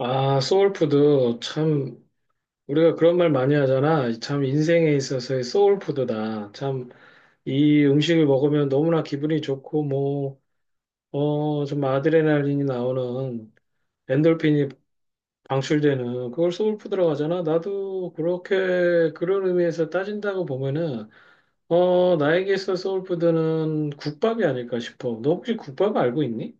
아, 소울푸드. 참, 우리가 그런 말 많이 하잖아. 참, 인생에 있어서의 소울푸드다. 참, 이 음식을 먹으면 너무나 기분이 좋고, 뭐, 좀 아드레날린이 나오는, 엔돌핀이 방출되는, 그걸 소울푸드라고 하잖아. 나도 그렇게, 그런 의미에서 따진다고 보면은, 나에게 있어 소울푸드는 국밥이 아닐까 싶어. 너 혹시 국밥 알고 있니?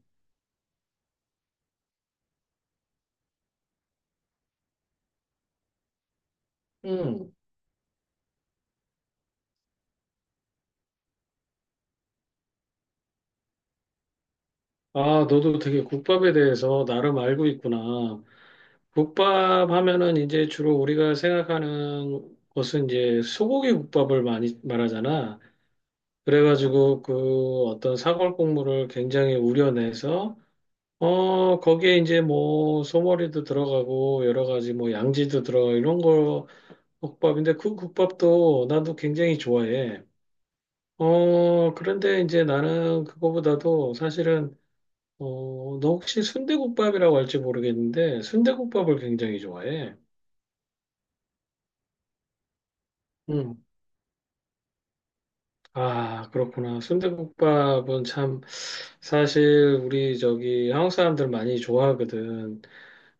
응. 아, 너도 되게 국밥에 대해서 나름 알고 있구나. 국밥 하면은 이제 주로 우리가 생각하는 것은 이제 소고기 국밥을 많이 말하잖아. 그래가지고 그 어떤 사골 국물을 굉장히 우려내서 거기에 이제 뭐 소머리도 들어가고 여러 가지 뭐 양지도 들어 이런 거 국밥인데 그 국밥도 나도 굉장히 좋아해. 그런데 이제 나는 그거보다도 사실은 너 혹시 순대국밥이라고 할지 모르겠는데 순대국밥을 굉장히 좋아해. 음, 아, 그렇구나. 순대국밥은 참 사실 우리 저기 한국 사람들 많이 좋아하거든.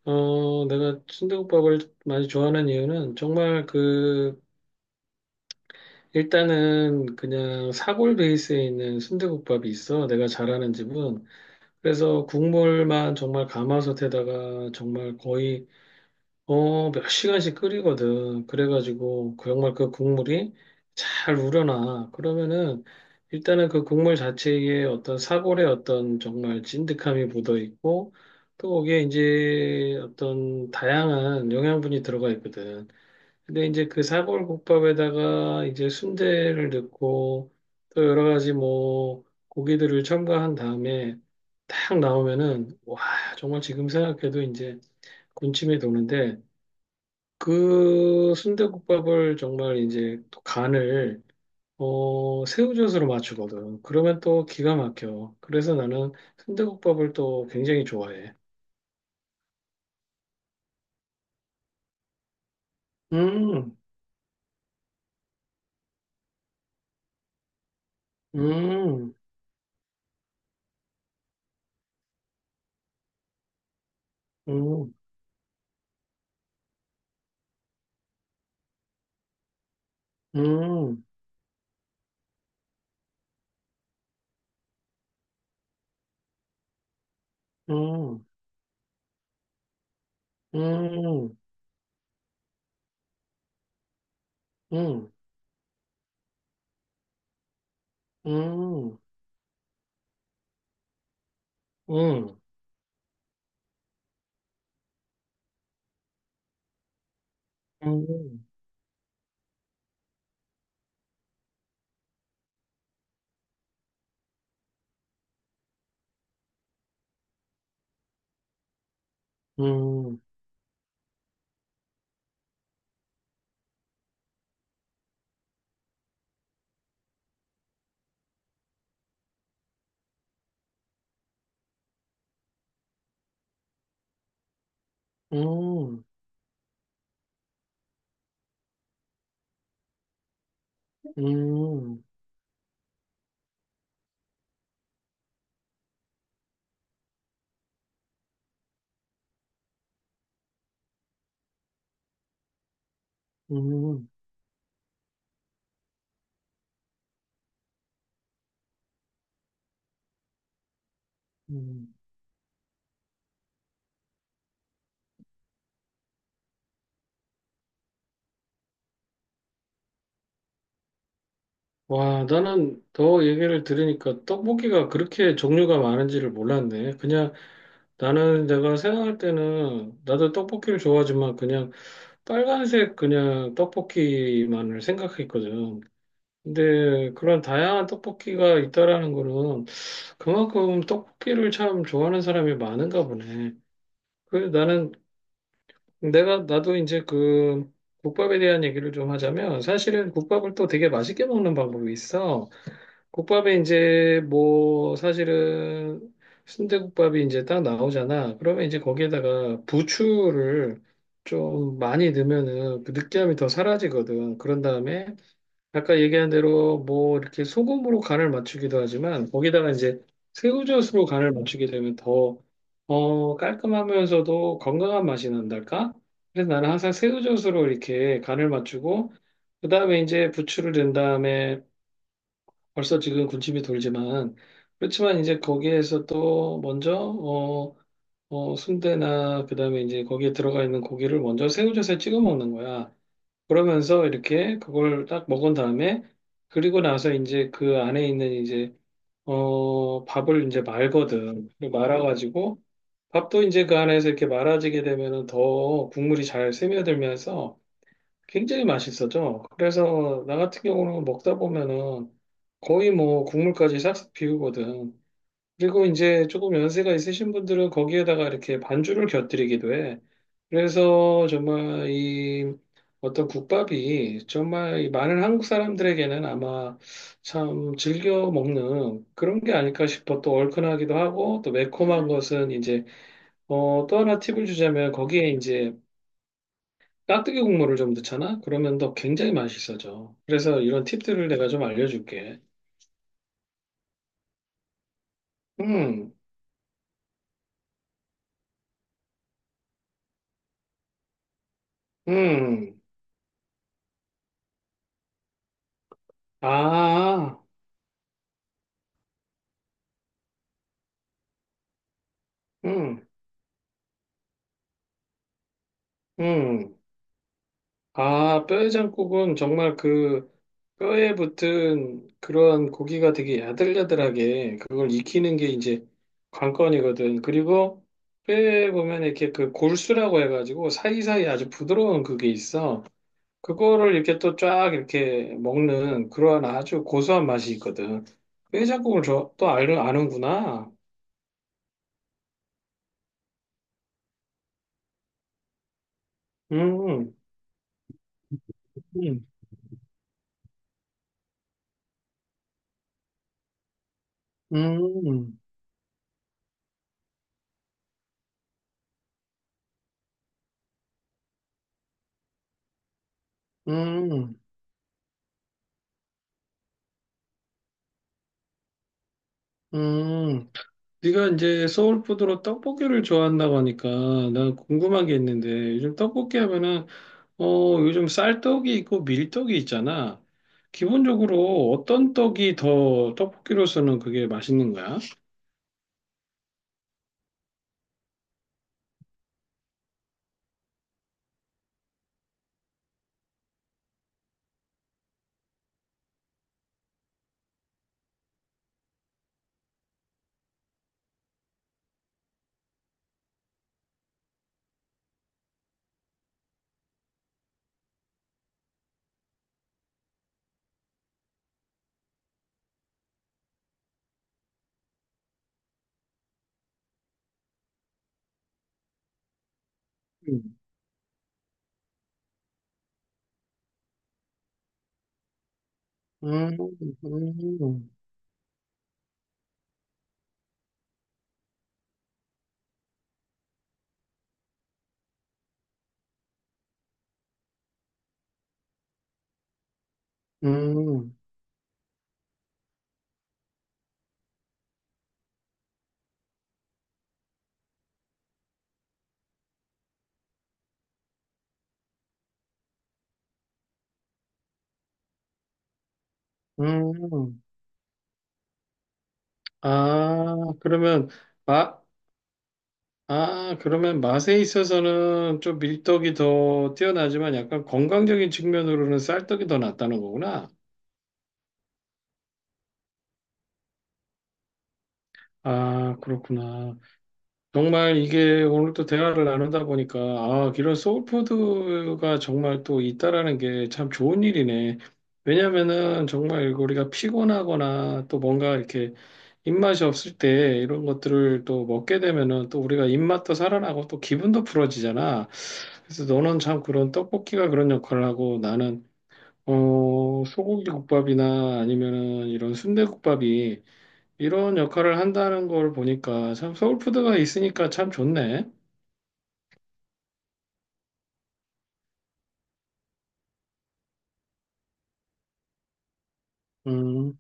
내가 순대국밥을 많이 좋아하는 이유는 정말 그 일단은 그냥 사골 베이스에 있는 순대국밥이 있어. 내가 잘하는 집은. 그래서 국물만 정말 가마솥에다가 정말 거의 몇 시간씩 끓이거든. 그래가지고, 그 정말 그 국물이 잘 우러나. 그러면은, 일단은 그 국물 자체에 어떤 사골의 어떤 정말 찐득함이 묻어 있고, 또 거기에 이제 어떤 다양한 영양분이 들어가 있거든. 근데 이제 그 사골국밥에다가 이제 순대를 넣고, 또 여러 가지 뭐, 고기들을 첨가한 다음에, 딱 나오면은, 와, 정말 지금 생각해도 이제 군침이 도는데, 그 순대국밥을 정말 이제 또 간을 새우젓으로 맞추거든. 그러면 또 기가 막혀. 그래서 나는 순대국밥을 또 굉장히 좋아해. 음, 음, 음, 음, 음, 음, 음, 음, 음, 음, 음, 음, 음, 음, 음. 와, 나는 더 얘기를 들으니까 떡볶이가 그렇게 종류가 많은지를 몰랐네. 그냥 나는 내가 생각할 때는 나도 떡볶이를 좋아하지만 그냥 빨간색 그냥 떡볶이만을 생각했거든. 근데 그런 다양한 떡볶이가 있다라는 거는 그만큼 떡볶이를 참 좋아하는 사람이 많은가 보네. 그 나는 내가 나도 이제 그 국밥에 대한 얘기를 좀 하자면 사실은 국밥을 또 되게 맛있게 먹는 방법이 있어. 국밥에 이제 뭐 사실은 순대국밥이 이제 딱 나오잖아. 그러면 이제 거기에다가 부추를 좀 많이 넣으면은 그 느끼함이 더 사라지거든. 그런 다음에 아까 얘기한 대로 뭐 이렇게 소금으로 간을 맞추기도 하지만 거기다가 이제 새우젓으로 간을 맞추게 되면 더 깔끔하면서도 건강한 맛이 난달까? 그래서 나는 항상 새우젓으로 이렇게 간을 맞추고 그다음에 이제 부추를 넣은 다음에 벌써 지금 군침이 돌지만 그렇지만 이제 거기에서 또 먼저 순대나 그다음에 이제 거기에 들어가 있는 고기를 먼저 새우젓에 찍어 먹는 거야. 그러면서 이렇게 그걸 딱 먹은 다음에 그리고 나서 이제 그 안에 있는 이제 밥을 이제 말거든. 말아가지고 밥도 이제 그 안에서 이렇게 말아지게 되면은 더 국물이 잘 스며들면서 굉장히 맛있어져. 그래서 나 같은 경우는 먹다 보면은 거의 뭐 국물까지 싹싹 비우거든. 그리고 이제 조금 연세가 있으신 분들은 거기에다가 이렇게 반주를 곁들이기도 해. 그래서 정말 이 어떤 국밥이 정말 이 많은 한국 사람들에게는 아마 참 즐겨 먹는 그런 게 아닐까 싶어. 또 얼큰하기도 하고 또 매콤한 것은 이제 또 하나 팁을 주자면 거기에 이제 깍두기 국물을 좀 넣잖아? 그러면 더 굉장히 맛있어져. 그래서 이런 팁들을 내가 좀 알려줄게. 음, 음, 아, 음, 음. 아, 뼈해장국은 정말 그 뼈에 붙은 그런 고기가 되게 야들야들하게 그걸 익히는 게 이제 관건이거든. 그리고 뼈에 보면 이렇게 그 골수라고 해가지고 사이사이 아주 부드러운 그게 있어. 그거를 이렇게 또 쫙 이렇게 먹는 그러한 아주 고소한 맛이 있거든. 깨작국을 저, 또 아는구나. 음, 음, 음, 음, 음. 네가 이제 서울푸드로 떡볶이를 좋아한다고 하니까 나 궁금한 게 있는데 요즘 떡볶이 하면은 요즘 쌀떡이 있고 밀떡이 있잖아. 기본적으로 어떤 떡이 더 떡볶이로서는 그게 맛있는 거야? 음, 음, 음. 음. 음, 아, 그러면, 마, 아, 그러면 맛에 있어서는 좀 밀떡이 더 뛰어나지만 약간 건강적인 측면으로는 쌀떡이 더 낫다는 거구나. 아, 그렇구나. 정말 이게 오늘 또 대화를 나누다 보니까 아, 이런 소울푸드가 정말 또 있다라는 게 참 좋은 일이네. 왜냐면은 정말 우리가 피곤하거나 또 뭔가 이렇게 입맛이 없을 때 이런 것들을 또 먹게 되면은 또 우리가 입맛도 살아나고 또 기분도 풀어지잖아. 그래서 너는 참 그런 떡볶이가 그런 역할을 하고 나는 소고기 국밥이나 아니면은 이런 순대국밥이 이런 역할을 한다는 걸 보니까 참 서울푸드가 있으니까 참 좋네. 음,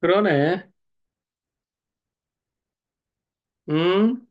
그러네. 음.